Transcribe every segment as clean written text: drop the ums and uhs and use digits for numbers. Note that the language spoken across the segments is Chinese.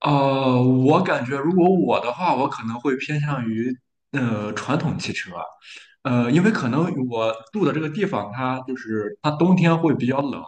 我感觉如果我的话，我可能会偏向于传统汽车。因为可能我住的这个地方，它就是它冬天会比较冷。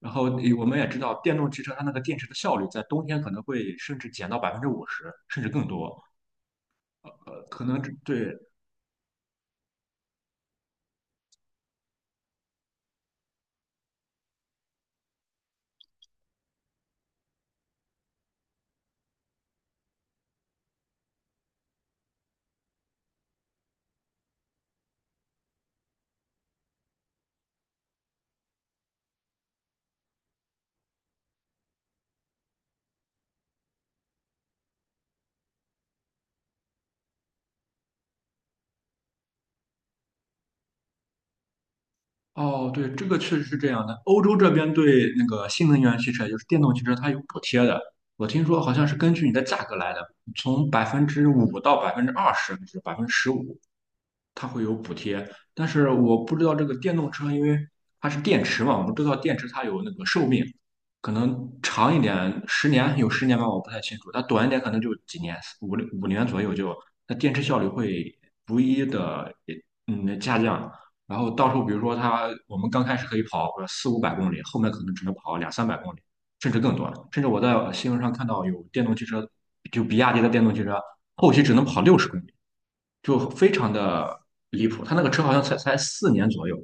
然后我们也知道电动汽车它那个电池的效率在冬天可能会甚至减到50%，甚至更多。可能这对。哦，对，这个确实是这样的。欧洲这边对那个新能源汽车，也就是电动汽车，它有补贴的。我听说好像是根据你的价格来的，从百分之五到20%，还是15%。它会有补贴，但是我不知道这个电动车，因为它是电池嘛，我们知道电池它有那个寿命，可能长一点十年有十年吧，我不太清楚。它短一点可能就几年，五年左右就。那电池效率会逐一的下降。然后到时候比如说它我们刚开始可以跑个四五百公里，后面可能只能跑两三百公里，甚至更短。甚至我在新闻上看到有电动汽车，就比亚迪的电动汽车后期只能跑60公里。就非常的离谱。他那个车好像才4年左右。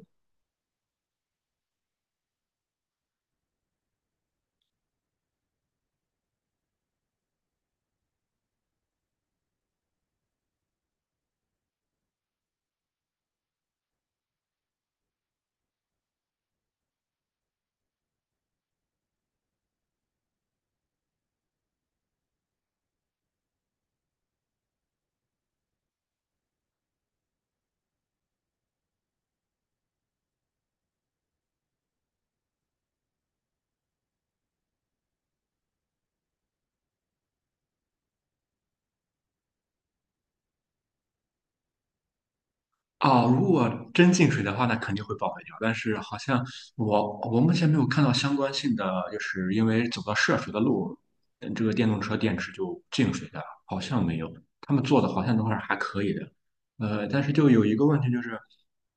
啊、如果真进水的话，那肯定会报废掉。但是好像我目前没有看到相关性的，就是因为走到涉水的路，这个电动车电池就进水的，好像没有。他们做的好像都是还可以的。但是就有一个问题就是，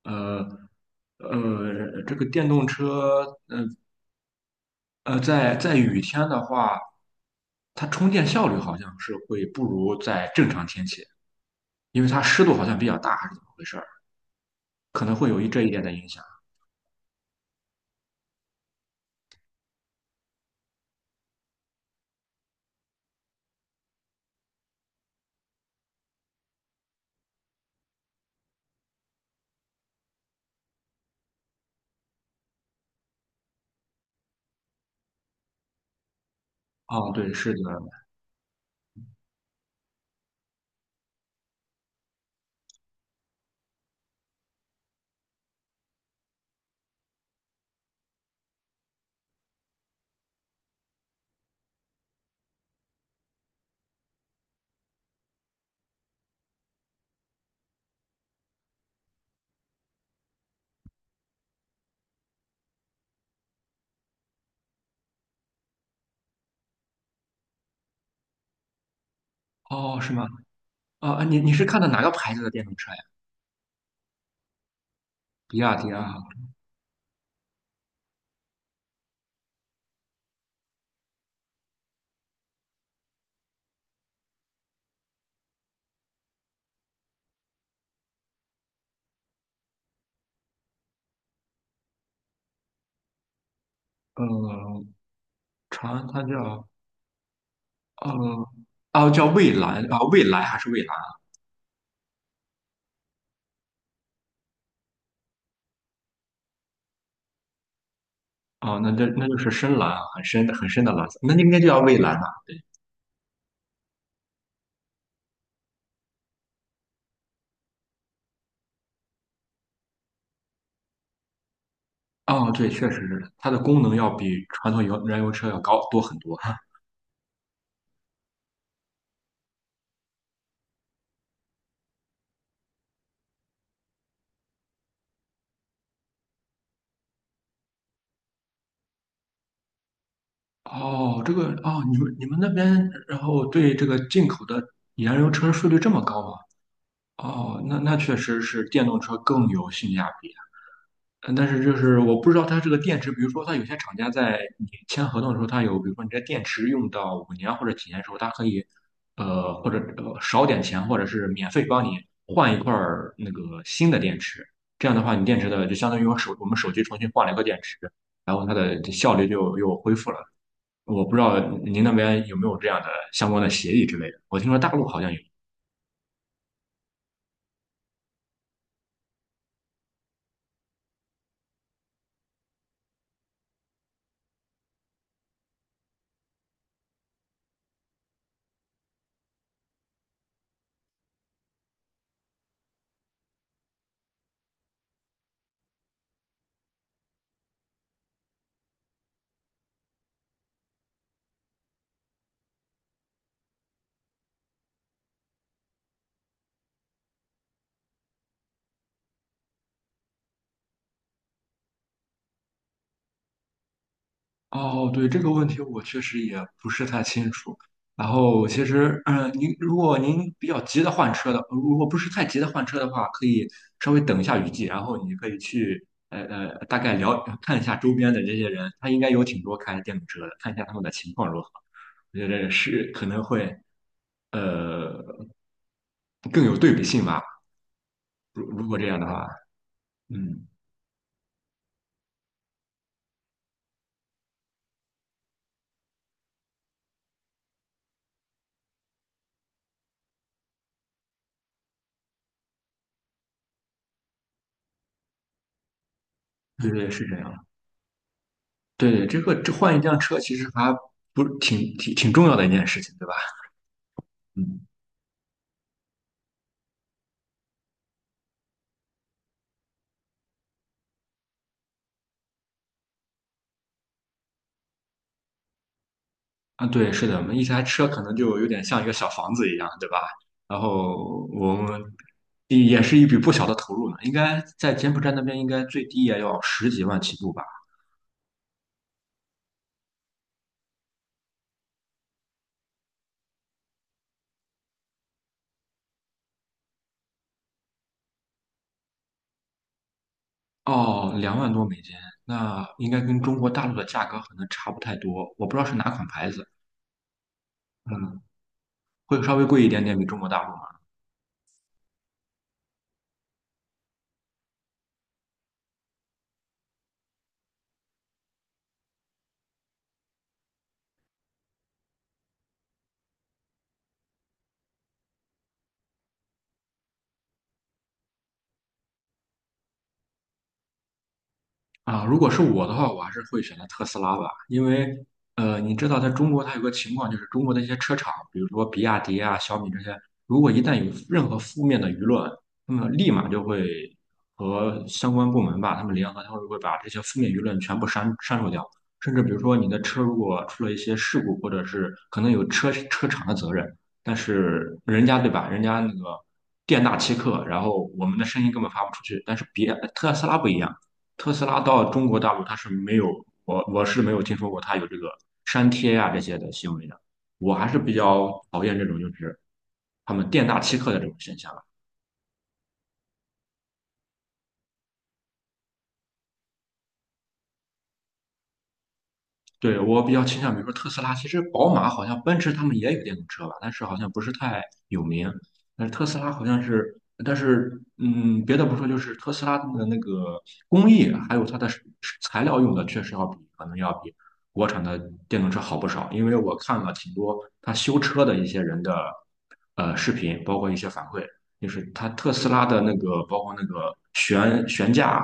呃这个电动车在雨天的话，它充电效率好像是会不如在正常天气。因为它湿度好像比较大，还是怎么回事儿？可能会有这一点的影响。哦，对，是的。哦，是吗？哦，你是看的哪个牌子的电动车呀？比亚迪啊。呃，长安它叫呃，哦叫蔚蓝啊，蔚蓝还是蔚蓝？哦，那这那就是深蓝啊，很深的很深的蓝色，那应该就叫蔚蓝了。哦，对，确实是的，它的功能要比传统燃油车要高多很多。哦，这个哦，你们那边，然后对这个进口的燃油车税率这么高吗？哦，那确实是电动车更有性价比啊。但是就是我不知道它这个电池，比如说它有些厂家在你签合同的时候，它有，比如说你这电池用到五年或者几年的时候，它可以，或者少点钱，或者是免费帮你换一块儿那个新的电池。这样的话，你电池的就相当于我们手机重新换了一个电池，然后它的效率就又恢复了。我不知道您那边有没有这样的相关的协议之类的。我听说大陆好像有。哦，对，这个问题我确实也不是太清楚。然后其实，如果您比较急的换车的，如果不是太急的换车的话，可以稍微等一下雨季，然后你可以去大概了看一下周边的这些人，他应该有挺多开电动车的，看一下他们的情况如何。我觉得是可能会呃更有对比性吧。如果这样的话，嗯。对对是这样。对对，这换一辆车其实还不挺重要的一件事情，对吧？嗯。啊，对，是的，我们一台车可能就有点像一个小房子一样，对吧？然后我们也是一笔不小的投入呢，应该在柬埔寨那边应该最低也要十几万起步吧？哦，两万多美金，那应该跟中国大陆的价格可能差不太多，我不知道是哪款牌子。嗯，会稍微贵一点点，比中国大陆。啊，如果是我的话，我还是会选择特斯拉吧。因为你知道在中国它有个情况，就是中国的一些车厂，比如说比亚迪啊、小米这些，如果一旦有任何负面的舆论，那么立马就会和相关部门吧，他们联合，他们会把这些负面舆论全部删除掉。甚至比如说你的车如果出了一些事故，或者是可能有车厂的责任。但是人家对吧，人家那个店大欺客，然后我们的声音根本发不出去，但是别特斯拉不一样。特斯拉到中国大陆它是没有，我是没有听说过它有这个删帖呀、这些的行为的。我还是比较讨厌这种就是他们店大欺客的这种现象。对，我比较倾向，比如说特斯拉。其实宝马好像奔驰他们也有电动车吧，但是好像不是太有名。但是特斯拉好像是，但是别的不说，就是特斯拉的那个工艺，还有它的是材料用的，确实要比可能要比国产的电动车好不少。因为我看了挺多他修车的一些人的视频，包括一些反馈，就是他特斯拉的那个，包括那个悬架。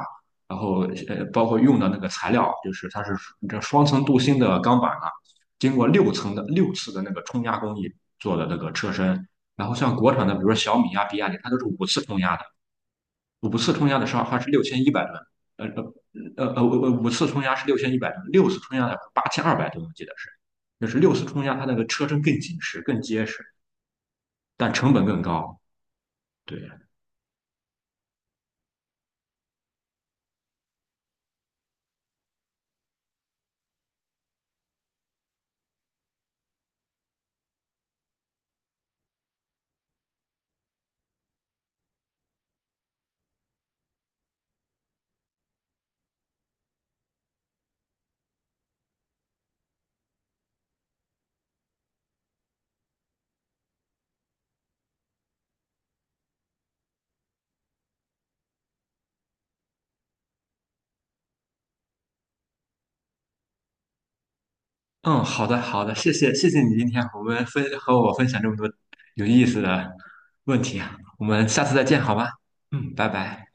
然后包括用的那个材料，就是它是这双层镀锌的钢板啊，经过六次的那个冲压工艺做的那个车身。然后像国产的，比如说小米啊、比亚迪，它都是五次冲压的。五次冲压的时候它是六千一百吨，呃呃五次冲压是六千一百吨，六次冲压的8,200吨，我记得是。就是六次冲压它那个车身更紧实、更结实，但成本更高。对。嗯，好的，好的，谢谢，谢谢你今天和我们分和我分享这么多有意思的问题啊。我们下次再见，好吗？嗯，拜拜。